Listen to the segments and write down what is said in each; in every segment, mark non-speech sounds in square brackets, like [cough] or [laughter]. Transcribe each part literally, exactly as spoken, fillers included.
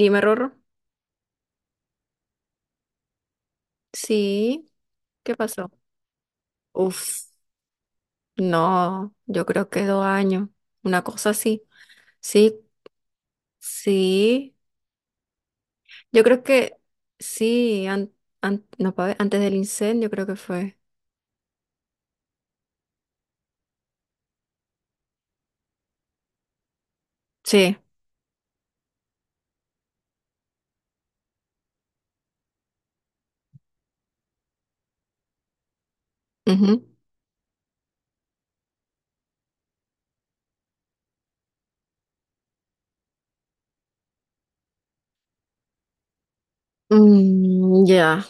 Dime, Rorro. Sí, ¿qué pasó? Uf, no, yo creo que dos años, una cosa así. Sí, sí, yo creo que sí, an- an- no, pa' ver, antes del incendio creo que fue. Sí, ujú. Mm, ya.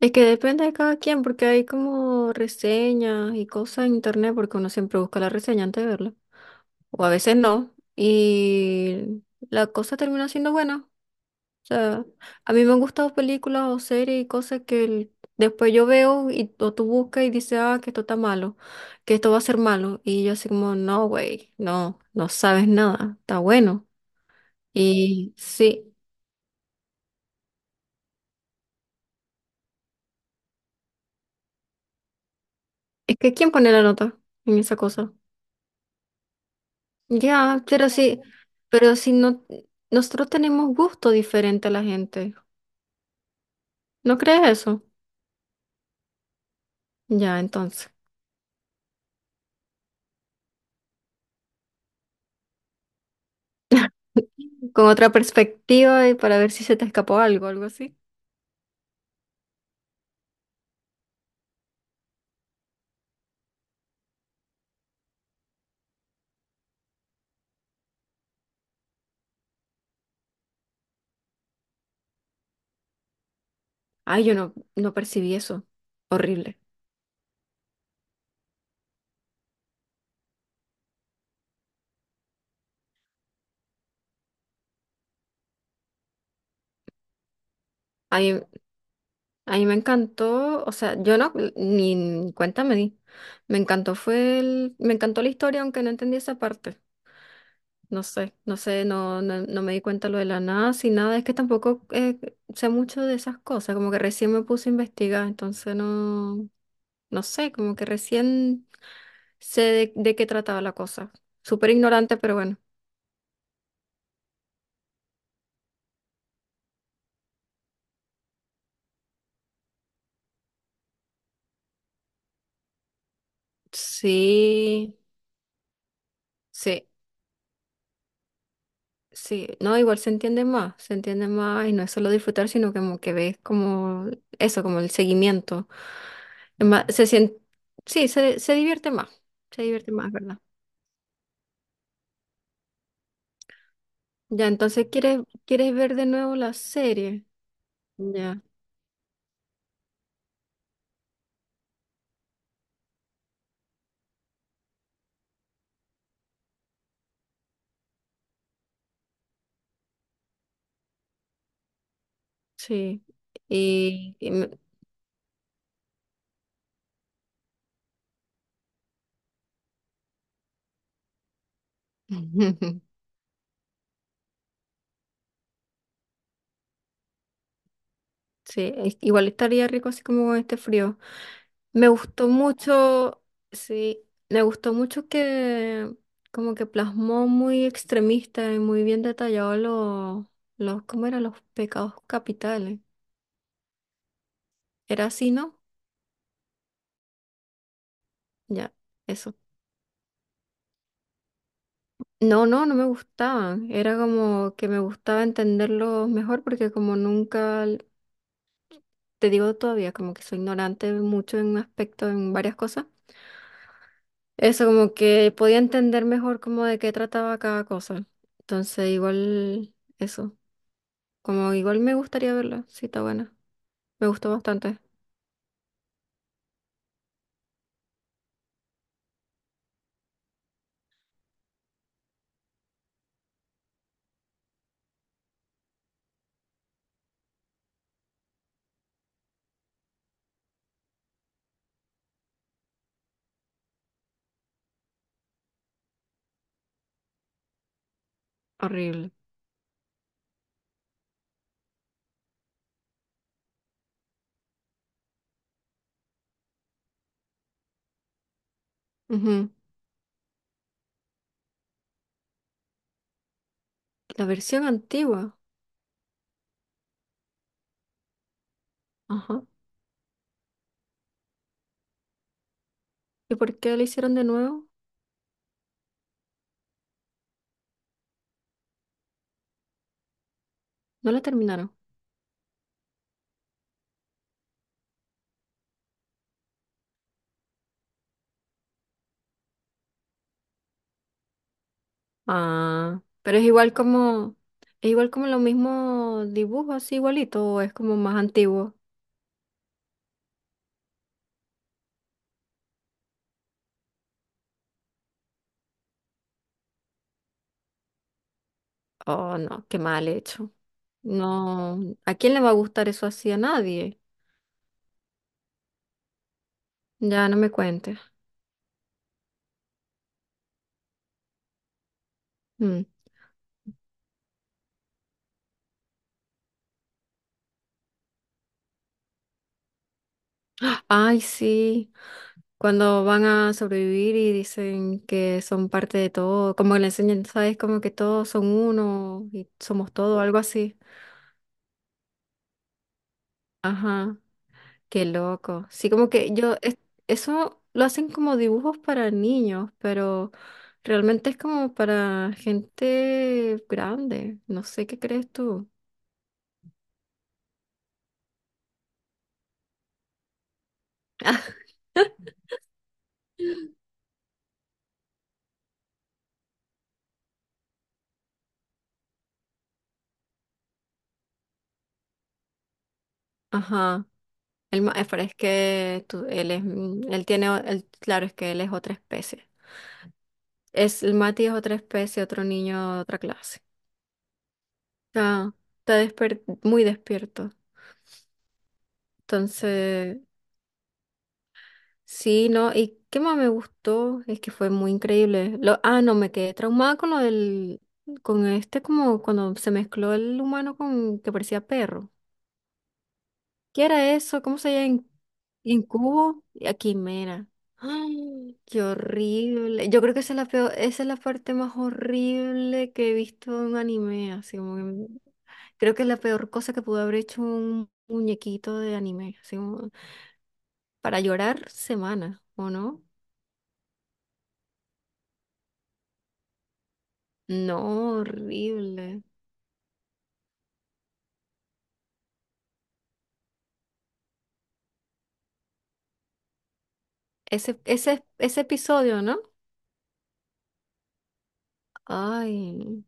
Es que depende de cada quien, porque hay como reseñas y cosas en internet, porque uno siempre busca la reseña antes de verla, o a veces no, y la cosa termina siendo buena. Sea, a mí me han gustado películas o series y cosas que el- después yo veo y o tú buscas y dices, ah, que esto está malo, que esto va a ser malo. Y yo así como, no, güey, no, no sabes nada, está bueno. Y sí, es que ¿quién pone la nota en esa cosa? Ya, pero sí, pero si no, nosotros tenemos gusto diferente a la gente. ¿No crees eso? Ya, entonces, [laughs] con otra perspectiva y para ver si se te escapó algo, algo así. Ay, yo no, no percibí eso. Horrible. A mí, a mí me encantó, o sea, yo no, ni, ni cuenta me di. Me encantó fue el, me encantó la historia, aunque no entendí esa parte. No sé, no sé, no, no, no me di cuenta lo de la NASA y nada. Es que tampoco eh, sé mucho de esas cosas, como que recién me puse a investigar, entonces no, no sé, como que recién sé de, de qué trataba la cosa. Súper ignorante, pero bueno. Sí, sí. Sí, no, igual se entiende más, se entiende más y no es solo disfrutar, sino como que ves como eso, como el seguimiento. Es más, se sien- sí, se, se divierte más, se divierte más, ¿verdad? Ya, entonces quieres, quieres ver de nuevo la serie. Ya, sí. Y, y me- [laughs] sí, es- igual estaría rico así como con este frío. Me gustó mucho, sí, me gustó mucho que como que plasmó muy extremista y muy bien detallado los, los, ¿cómo eran? Los pecados capitales. ¿Era así, no? Ya, eso. No, no, no me gustaban. Era como que me gustaba entenderlos mejor porque como nunca, te digo todavía, como que soy ignorante mucho en un aspecto, en varias cosas. Eso, como que podía entender mejor como de qué trataba cada cosa. Entonces, igual, eso. Como igual me gustaría verla, sí, está buena. Me gustó bastante. Horrible. Ujú. La versión antigua. Ajá. ¿Y por qué la hicieron de nuevo? No la terminaron. Ah, pero es igual como, es igual como lo mismo dibujo, así igualito, o es como más antiguo. Oh, no, qué mal hecho. No, ¿a quién le va a gustar eso así? A nadie. Ya no me cuentes. Mm. Ay, sí. Cuando van a sobrevivir y dicen que son parte de todo, como que le enseñan, ¿sabes? Como que todos son uno y somos todo, algo así. Ajá, qué loco. Sí, como que yo, es- eso lo hacen como dibujos para niños, pero realmente es como para gente grande. No sé qué crees tú. [laughs] Ajá. Él, ma- eh, pero es que tú- él es, mm, él tiene, o- él- claro, es que él es otra especie. Es, el Mati es otra especie, otro niño, otra clase. Ah, está desper- muy despierto. Entonces, sí, ¿no? ¿Y qué más me gustó? Es que fue muy increíble. Lo, ah, no, me quedé traumada con lo del, con este como cuando se mezcló el humano con que parecía perro. ¿Qué era eso? ¿Cómo se llama? ¿Incubo? Y Quimera. ¡Ay! [gasps] ¡Qué horrible! Yo creo que esa es la peor, esa es la parte más horrible que he visto en un anime. Así como que- creo que es la peor cosa que pudo haber hecho un muñequito de anime. Así como- para llorar semanas, ¿o no? No, horrible. Ese, ese, ese episodio, ¿no? Ay.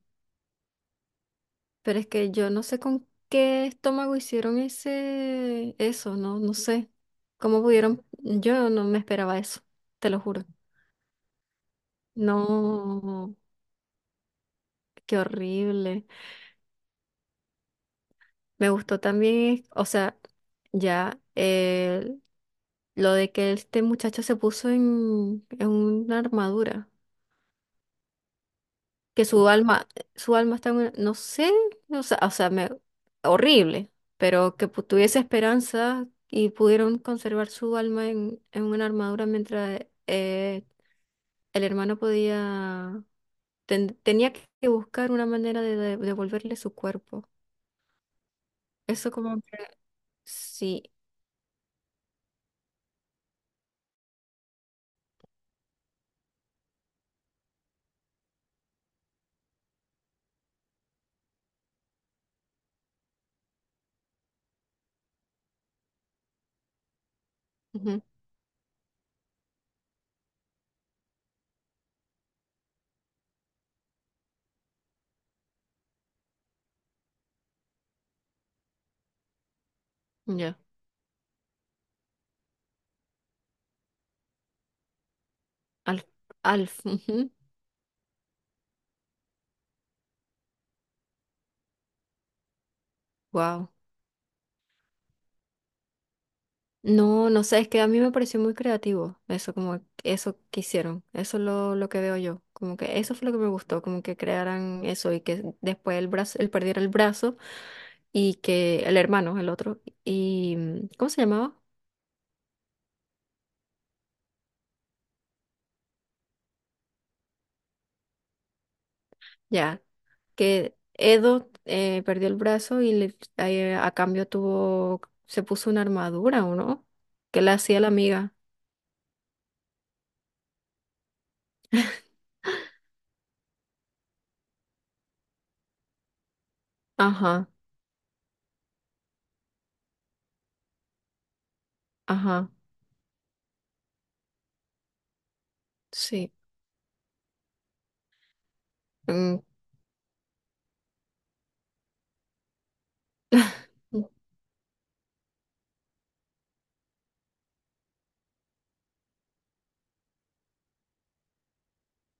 Pero es que yo no sé con qué estómago hicieron ese, eso, no, no sé. ¿Cómo pudieron? Yo no me esperaba eso, te lo juro. No, qué horrible. Me gustó también, o sea, ya eh, lo de que este muchacho se puso en, en una armadura. Que su alma, su alma está en una- no sé, o sea, o sea, me, horrible, pero que pu- tuviese esperanza y pudieron conservar su alma en, en una armadura mientras eh, el hermano podía, ten- tenía que buscar una manera de, de- devolverle su cuerpo. Eso como que, sí, ujú, ya, Al, Alf, wow. No, no sé, es que a mí me pareció muy creativo eso, como eso que hicieron, eso es lo, lo que veo yo, como que eso fue lo que me gustó, como que crearan eso y que después el brazo, él perdiera el brazo y que el hermano, el otro, y mm, ¿cómo se llamaba? Ya, que Edo eh, perdió el brazo y le- eh, a cambio tuvo, se puso una armadura, ¿o no? Que le hacía la amiga. Ajá, ajá, sí. Mm, [laughs]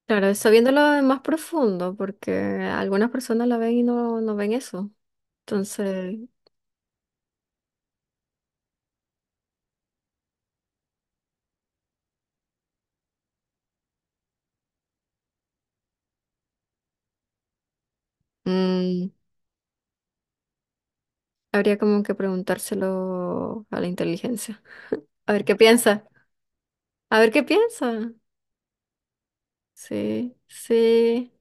claro, sabiéndolo más profundo, porque algunas personas la ven y no, no ven eso. Entonces, mm, habría como que preguntárselo a la inteligencia. A ver qué piensa. A ver qué piensa. Sí, sí,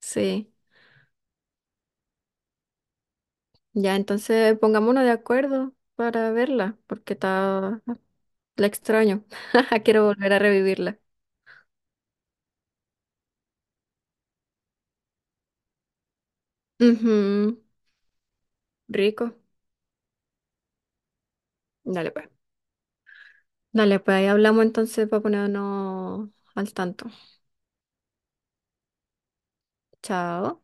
sí. Ya, entonces pongámonos de acuerdo para verla, porque está, la extraño. [laughs] Quiero volver a revivirla. Ujú, rico. Dale pues. Dale pues, ahí hablamos entonces para ponernos al tanto. Chao.